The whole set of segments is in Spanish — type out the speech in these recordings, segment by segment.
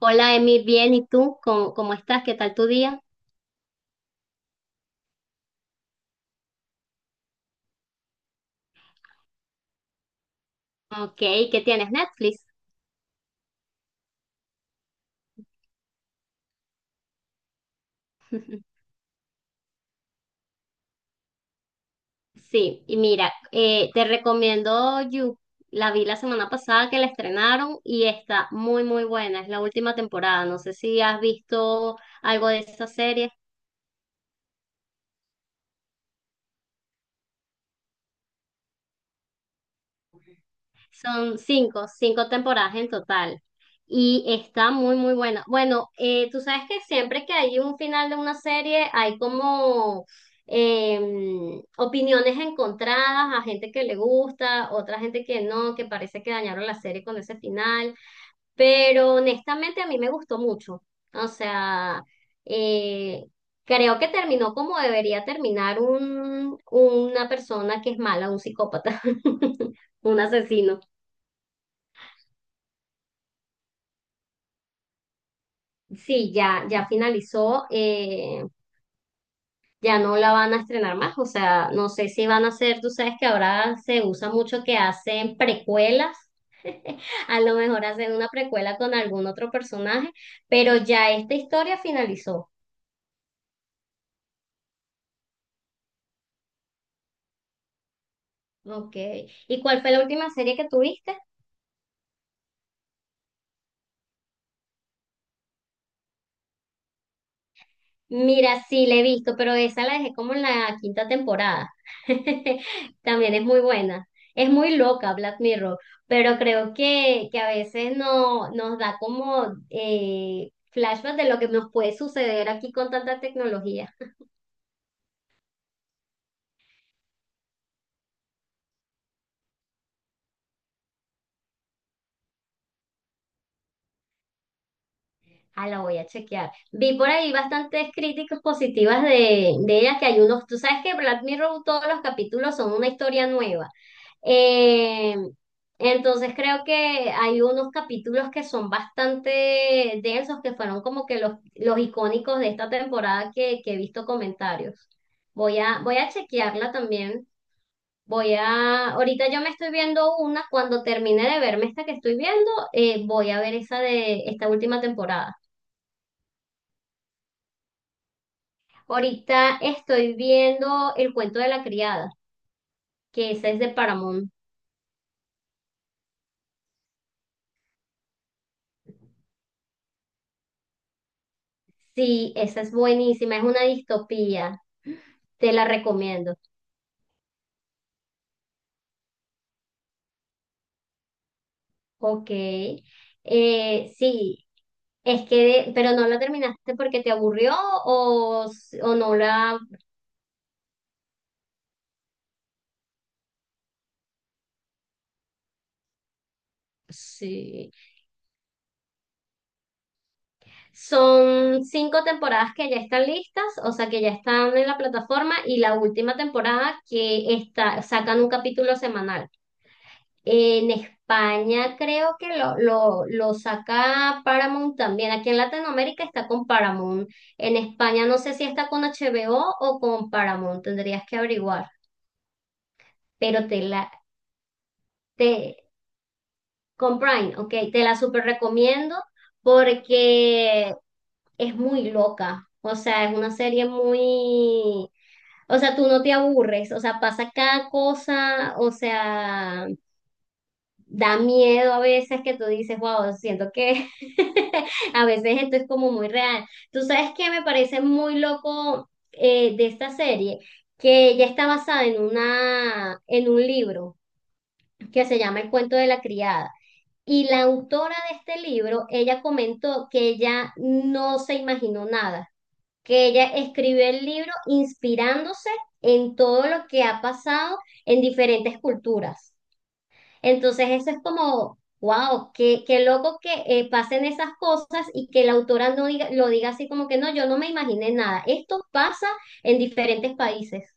Hola, Emi, bien, ¿y tú? ¿Cómo estás? ¿Qué tal tu día? Ok, ¿qué tienes? Netflix. Sí, y mira, te recomiendo You. La vi la semana pasada que la estrenaron y está muy, muy buena. Es la última temporada. No sé si has visto algo de esa serie. Son cinco temporadas en total. Y está muy, muy buena. Bueno, tú sabes que siempre que hay un final de una serie hay como opiniones encontradas, a gente que le gusta, otra gente que no, que parece que dañaron la serie con ese final. Pero honestamente a mí me gustó mucho. O sea, eh, creo que terminó como debería terminar una persona que es mala, un psicópata, un asesino. Sí, ya finalizó, ya no la van a estrenar más, o sea, no sé si van a hacer, tú sabes que ahora se usa mucho que hacen precuelas, a lo mejor hacen una precuela con algún otro personaje, pero ya esta historia finalizó. Ok, ¿y cuál fue la última serie que tuviste? Mira, sí, la he visto, pero esa la dejé como en la quinta temporada. También es muy buena. Es muy loca Black Mirror, pero creo que a veces no, nos da como flashbacks de lo que nos puede suceder aquí con tanta tecnología. Ah, la voy a chequear. Vi por ahí bastantes críticas positivas de ella, que hay unos, tú sabes que Black Mirror todos los capítulos son una historia nueva. Eh, entonces creo que hay unos capítulos que son bastante densos, que fueron como que los icónicos de esta temporada que he visto comentarios. Voy a chequearla también. Ahorita yo me estoy viendo una, cuando termine de verme esta que estoy viendo, voy a ver esa de esta última temporada. Ahorita estoy viendo El cuento de la criada, que esa es de Paramount. Sí, esa es buenísima, es una distopía. Te la recomiendo. Ok. Sí, es que, pero no la terminaste porque te aburrió o no la... Sí. Son cinco temporadas que ya están listas, o sea, que ya están en la plataforma y la última temporada que está, sacan un capítulo semanal. En España creo que lo saca Paramount también. Aquí en Latinoamérica está con Paramount. En España no sé si está con HBO o con Paramount. Tendrías que averiguar. Pero te, con Prime, ok, te la super recomiendo porque es muy loca. O sea, es una serie muy, o sea, tú no te aburres. O sea, pasa cada cosa. O sea, da miedo a veces que tú dices, wow, siento que a veces esto es como muy real. Tú sabes que me parece muy loco de esta serie, que ya está basada en un libro que se llama El cuento de la criada. Y la autora de este libro, ella comentó que ella no se imaginó nada, que ella escribió el libro inspirándose en todo lo que ha pasado en diferentes culturas. Entonces, eso es como, wow, qué loco que pasen esas cosas y que la autora no diga, lo diga así como que no, yo no me imaginé nada. Esto pasa en diferentes países.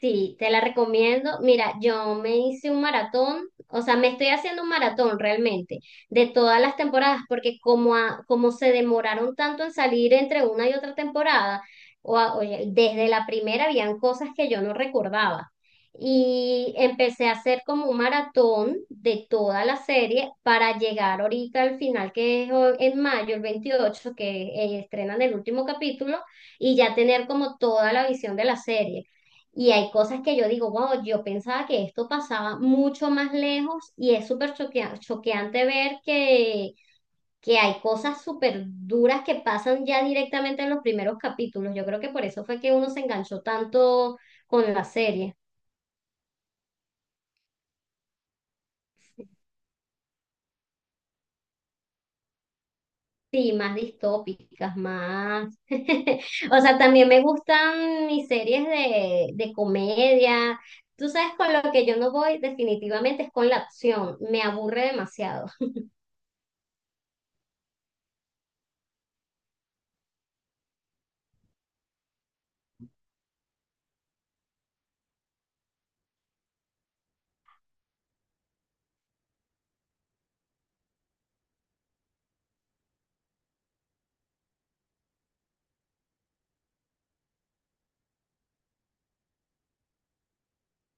Sí, te la recomiendo. Mira, yo me hice un maratón, o sea, me estoy haciendo un maratón realmente de todas las temporadas, porque como, como se demoraron tanto en salir entre una y otra temporada, oye, desde la primera habían cosas que yo no recordaba. Y empecé a hacer como un maratón de toda la serie para llegar ahorita al final, que es en mayo, el 28 que estrenan el último capítulo, y ya tener como toda la visión de la serie. Y hay cosas que yo digo, wow, yo pensaba que esto pasaba mucho más lejos y es súper choqueante ver que hay cosas súper duras que pasan ya directamente en los primeros capítulos. Yo creo que por eso fue que uno se enganchó tanto con la serie. Sí, más distópicas, más. O sea, también me gustan mis series de comedia. Tú sabes, con lo que yo no voy definitivamente es con la acción. Me aburre demasiado.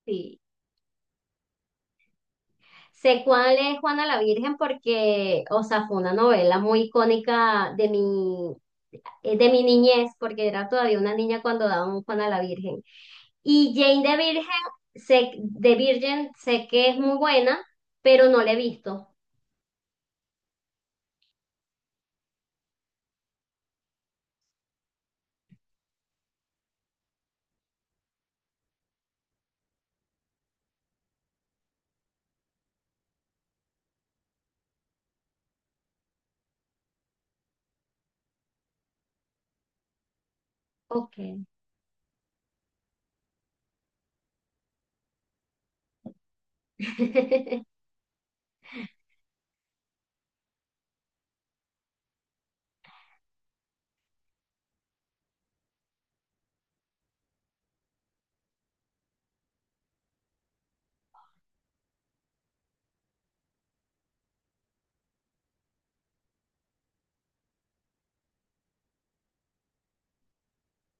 Sí. Sé cuál es Juana la Virgen porque, o sea, fue una novela muy icónica de mi niñez, porque era todavía una niña cuando daban Juana la Virgen. Y Jane de Virgen, sé que es muy buena, pero no la he visto. Ok.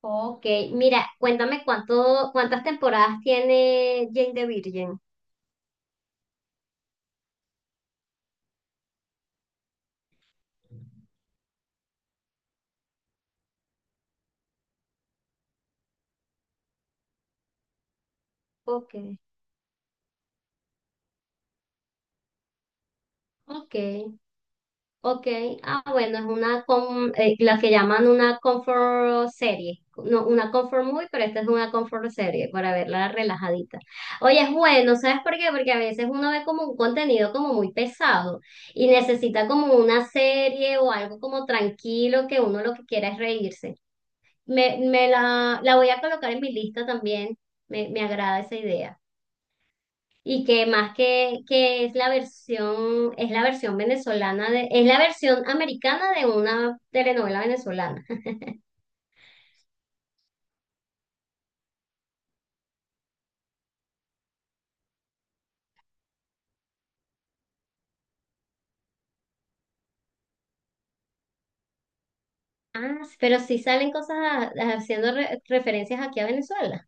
Ok, mira, cuéntame cuántas temporadas tiene Jane de Virgen. Ok. Ok. Ok, ah bueno, es la que llaman una comfort serie, no, una comfort movie, pero esta es una comfort serie para verla relajadita. Oye, es bueno, ¿sabes por qué? Porque a veces uno ve como un contenido como muy pesado y necesita como una serie o algo como tranquilo que uno lo que quiera es reírse. Me la voy a colocar en mi lista también, me agrada esa idea. Y que más que es la versión venezolana de, es la versión americana de una telenovela venezolana. Ah, pero sí salen cosas haciendo referencias aquí a Venezuela.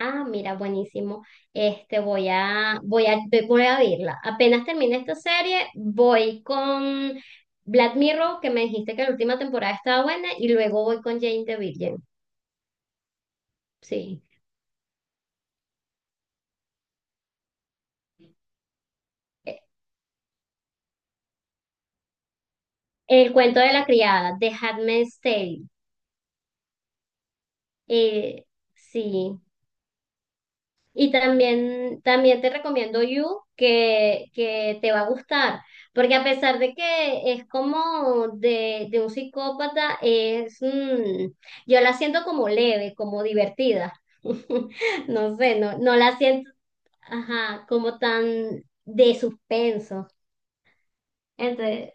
Ah, mira, buenísimo. Este, voy a verla. Apenas termine esta serie, voy con Black Mirror, que me dijiste que la última temporada estaba buena, y luego voy con Jane the Virgin. Sí. Eh, El cuento de la criada, de Handmaid's Tale. Eh, sí. Y también te recomiendo You, que te va a gustar, porque a pesar de que es como de un psicópata, yo la siento como leve, como divertida. No sé, no la siento, ajá, como tan de suspenso. Entonces,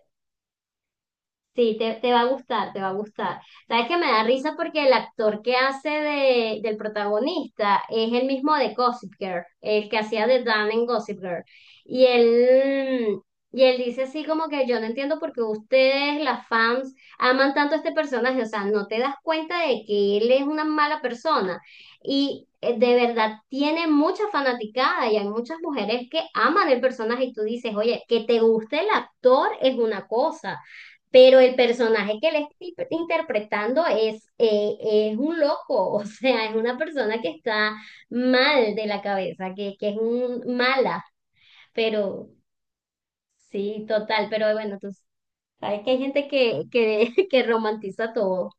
sí, te va a gustar, te va a gustar. Sabes que me da risa porque el actor que hace del protagonista es el mismo de Gossip Girl, el que hacía de Dan en Gossip Girl. Y él, y él dice así como que yo no entiendo por qué ustedes, las fans, aman tanto a este personaje. O sea, no te das cuenta de que él es una mala persona. Y de verdad tiene mucha fanaticada y hay muchas mujeres que aman el personaje y tú dices, oye, que te guste el actor es una cosa pero el personaje que él está interpretando es un loco, o sea, es una persona que está mal de la cabeza, que es un mala, pero sí, total, pero bueno, tú sabes que hay gente que romantiza todo.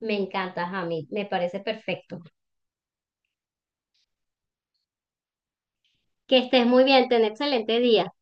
Me encanta, Jamie, me parece perfecto. Que estés muy bien, ten excelente día.